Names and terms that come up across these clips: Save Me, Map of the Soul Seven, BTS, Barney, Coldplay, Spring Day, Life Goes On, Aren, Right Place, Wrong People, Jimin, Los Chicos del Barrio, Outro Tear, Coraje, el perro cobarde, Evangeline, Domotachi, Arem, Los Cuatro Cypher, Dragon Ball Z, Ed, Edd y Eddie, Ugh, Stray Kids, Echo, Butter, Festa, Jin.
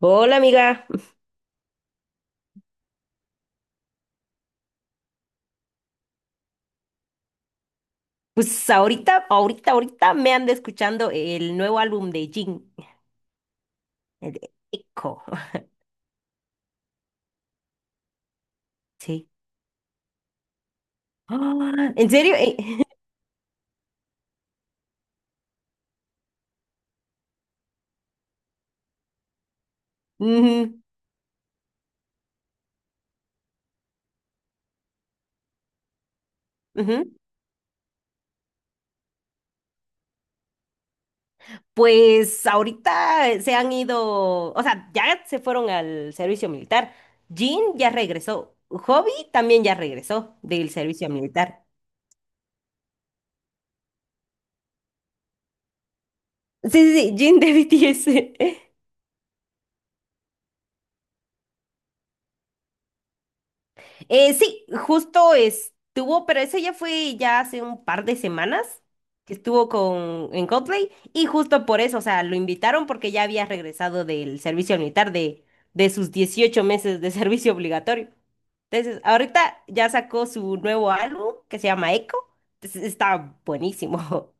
Hola amiga, pues ahorita me ando escuchando el nuevo álbum de Jin, el de Echo. Sí. Ah, ¿en serio? Ujú, ujú. Pues ahorita se han ido, o sea, ya se fueron al servicio militar. Jin ya regresó, Hobby también ya regresó del servicio militar. Sí, sí, sí, Jin de BTS. Sí, justo estuvo, pero eso ya fue ya hace un par de semanas que estuvo con en Coldplay y justo por eso, o sea, lo invitaron porque ya había regresado del servicio militar de sus 18 meses de servicio obligatorio. Entonces, ahorita ya sacó su nuevo álbum que se llama Echo. Entonces, está buenísimo.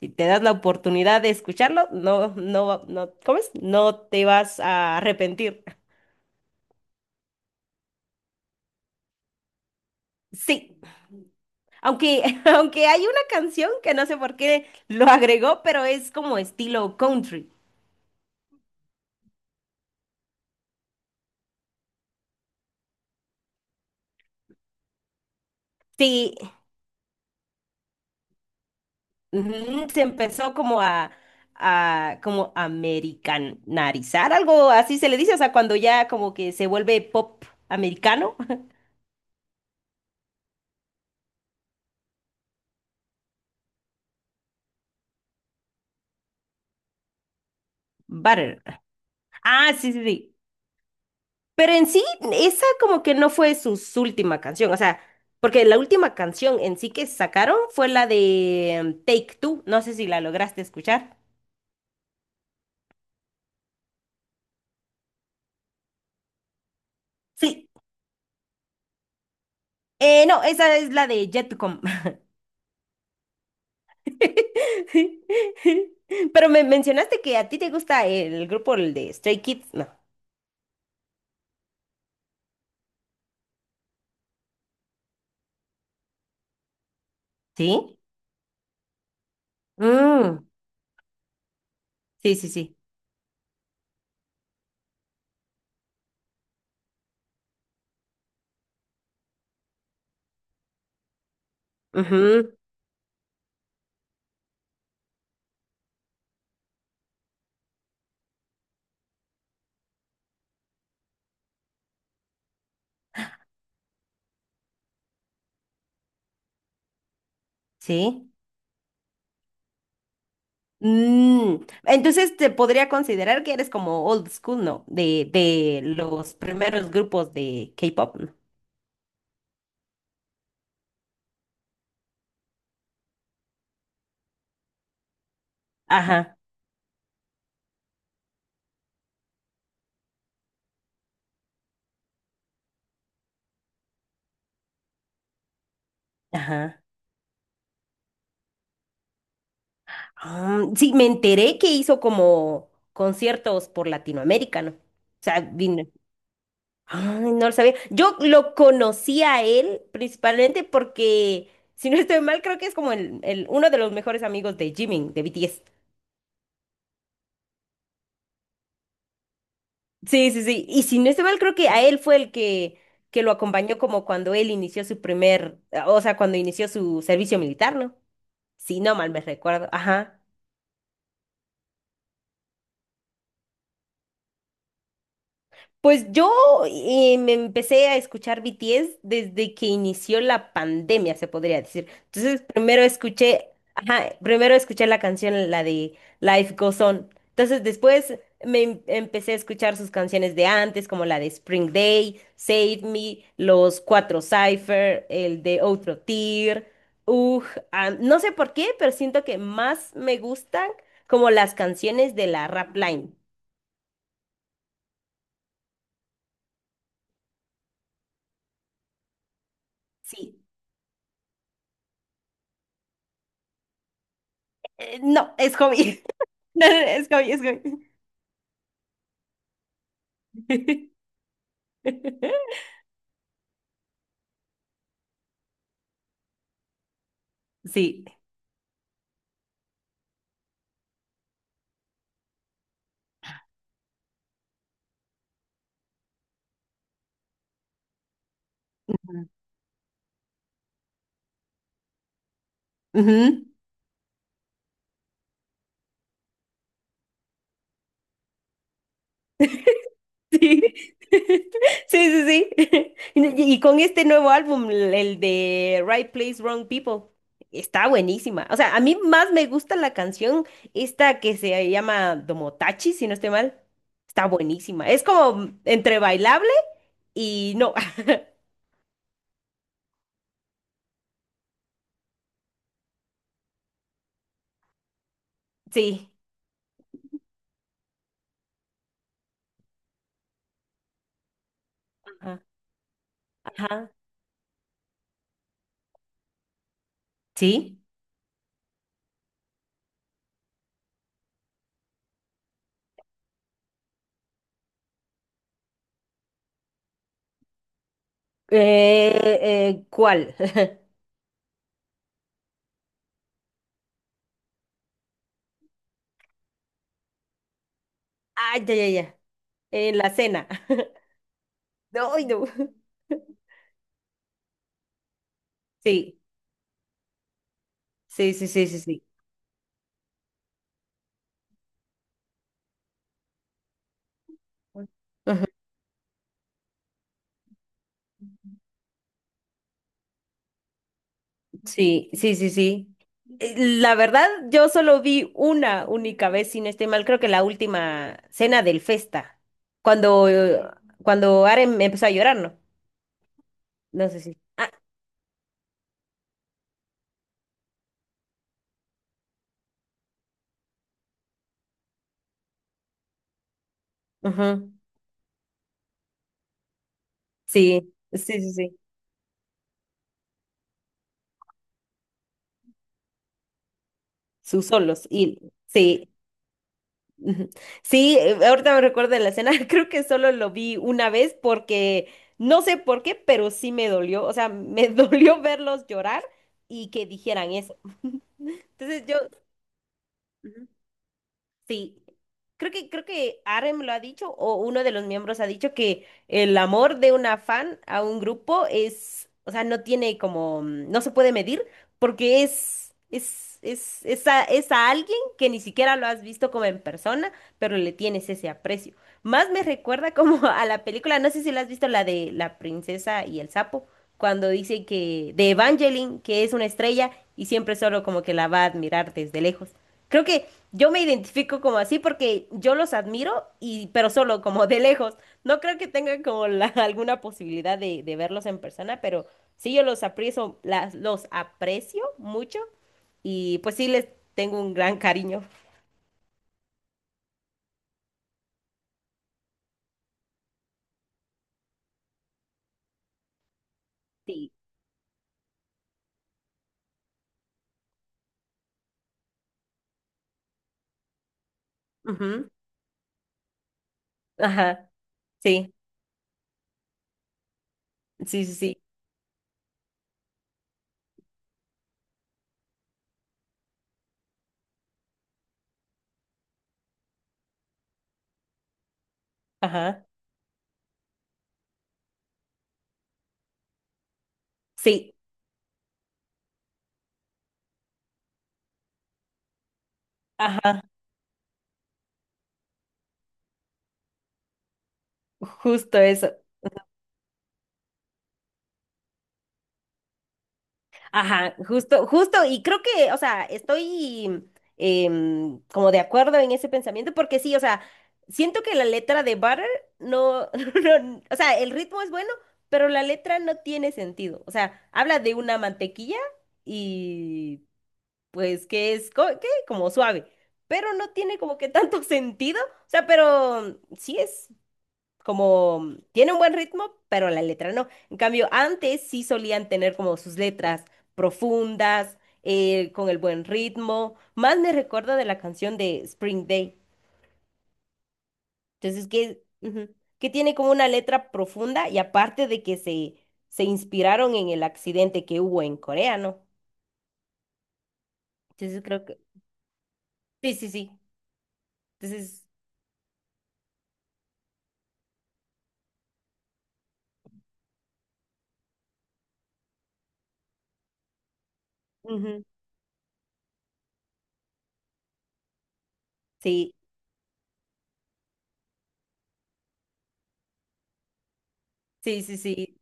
Si te das la oportunidad de escucharlo, no, no, no, ¿cómo es? No te vas a arrepentir. Sí. Aunque, aunque hay una canción que no sé por qué lo agregó, pero es como estilo country. Sí, ujú, se empezó como a como americanizar, algo así se le dice, o sea, cuando ya como que se vuelve pop americano. Butter. Ah, sí, sí, sí. Pero en sí, esa como que no fue su última canción, o sea, porque la última canción en sí que sacaron fue la de Take Two, no sé si la lograste escuchar. Sí, eh, no, esa es la de Jetcom. Pero me mencionaste que a ti te gusta el grupo el de Stray Kids, ¿no? ¿Sí? Mm, sí, sí, sí. Ujú, sí. Mm, entonces te podría considerar que eres como old school, ¿no? De los primeros grupos de K-pop, ¿no? Ajá, ajá. Ah, sí, me enteré que hizo como conciertos por Latinoamérica, ¿no? O sea, vino. Ay, no lo sabía. Yo lo conocí a él principalmente porque, si no estoy mal, creo que es como uno de los mejores amigos de Jimin, de BTS. Sí, sí, sí. Y si no estoy mal, creo que a él fue el que lo acompañó como cuando él inició su primer, o sea, cuando inició su servicio militar, ¿no? Sí, no mal me recuerdo. Ajá. Pues yo me empecé a escuchar BTS desde que inició la pandemia, se podría decir. Entonces, primero escuché, ajá, primero escuché la canción, la de Life Goes On. Entonces, después me empecé a escuchar sus canciones de antes, como la de Spring Day, Save Me, Los Cuatro Cypher, el de Outro Tear, ugh, ah, no sé por qué, pero siento que más me gustan como las canciones de la rap line. Sí, no, es hobby. No, no, es Gaby, es Gaby. Sí. Ujú. Sí, sí, sí, sí. Y, y con este nuevo álbum, el de Right Place, Wrong People, está buenísima. O sea, a mí más me gusta la canción, esta que se llama Domotachi, si no estoy mal. Está buenísima. Es como entre bailable y no. Sí. Ajá. Ajá. Sí. ¿Cuál? Ay, ya, ya, ya. En la cena. No, ay, no. Sí, sí, sí, sí, sí, sí. Uy, sí, sí, sí, sí. La verdad, yo solo vi una única vez, sin este mal, creo que la última cena del Festa, cuando, eh, cuando Aren empezó a llorar, ¿no? No sé si. Ah, ujú, sí, sí, sí, sí. Sus solos. Y sí. Ujú. Sí, ahorita me recuerdo de la escena, creo que solo lo vi una vez porque no sé por qué, pero sí me dolió, o sea, me dolió verlos llorar y que dijeran eso. Entonces yo... Sí, creo que Arem lo ha dicho o uno de los miembros ha dicho que el amor de una fan a un grupo es, o sea, no tiene como, mm, no se puede medir porque es a alguien que ni siquiera lo has visto como en persona, pero le tienes ese aprecio. Más me recuerda como a la película, no sé si la has visto, la de la princesa y el sapo, cuando dice que de Evangeline, que es una estrella y siempre solo como que la va a admirar desde lejos. Creo que yo me identifico como así porque yo los admiro y, pero solo como de lejos. No creo que tenga como alguna posibilidad de verlos en persona, pero sí yo los aprecio, las, los aprecio mucho y pues sí les tengo un gran cariño. Sí. Ujú. Ajá. Sí. Sí, sí, sí. Ajá. Sí. Ajá. Justo eso. Ajá, justo, justo, y creo que, o sea, estoy como de acuerdo en ese pensamiento, porque sí, o sea, siento que la letra de Butter no, no, o sea, el ritmo es bueno, pero la letra no tiene sentido. O sea, habla de una mantequilla y pues que es, que como suave, pero no tiene como que tanto sentido. O sea, pero sí es como tiene un buen ritmo, pero la letra no. En cambio, antes sí solían tener como sus letras profundas, con el buen ritmo. Más me recuerda de la canción de Spring Day. Entonces, que, ujú, que tiene como una letra profunda y aparte de que se inspiraron en el accidente que hubo en Corea, ¿no? Entonces creo que... Sí, sí, sí. Entonces, ujú, sí, sí, sí, sí.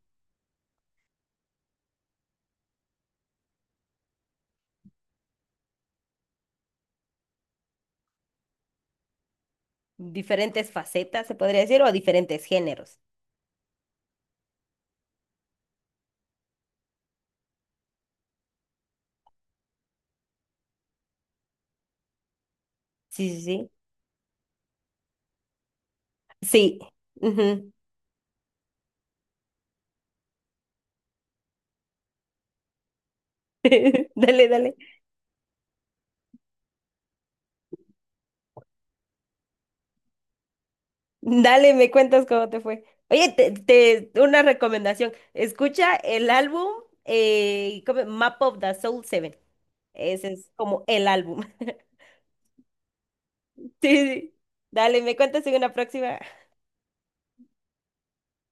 Diferentes facetas, se podría decir, o diferentes géneros. Sí, sí, sí. Sí. Ujú. Dale, dale, dale, me cuentas cómo te fue. Oye, una recomendación. Escucha el álbum ¿cómo? Map of the Soul 7, ese es como el álbum. Sí, sí. Dale, me cuentas en una próxima.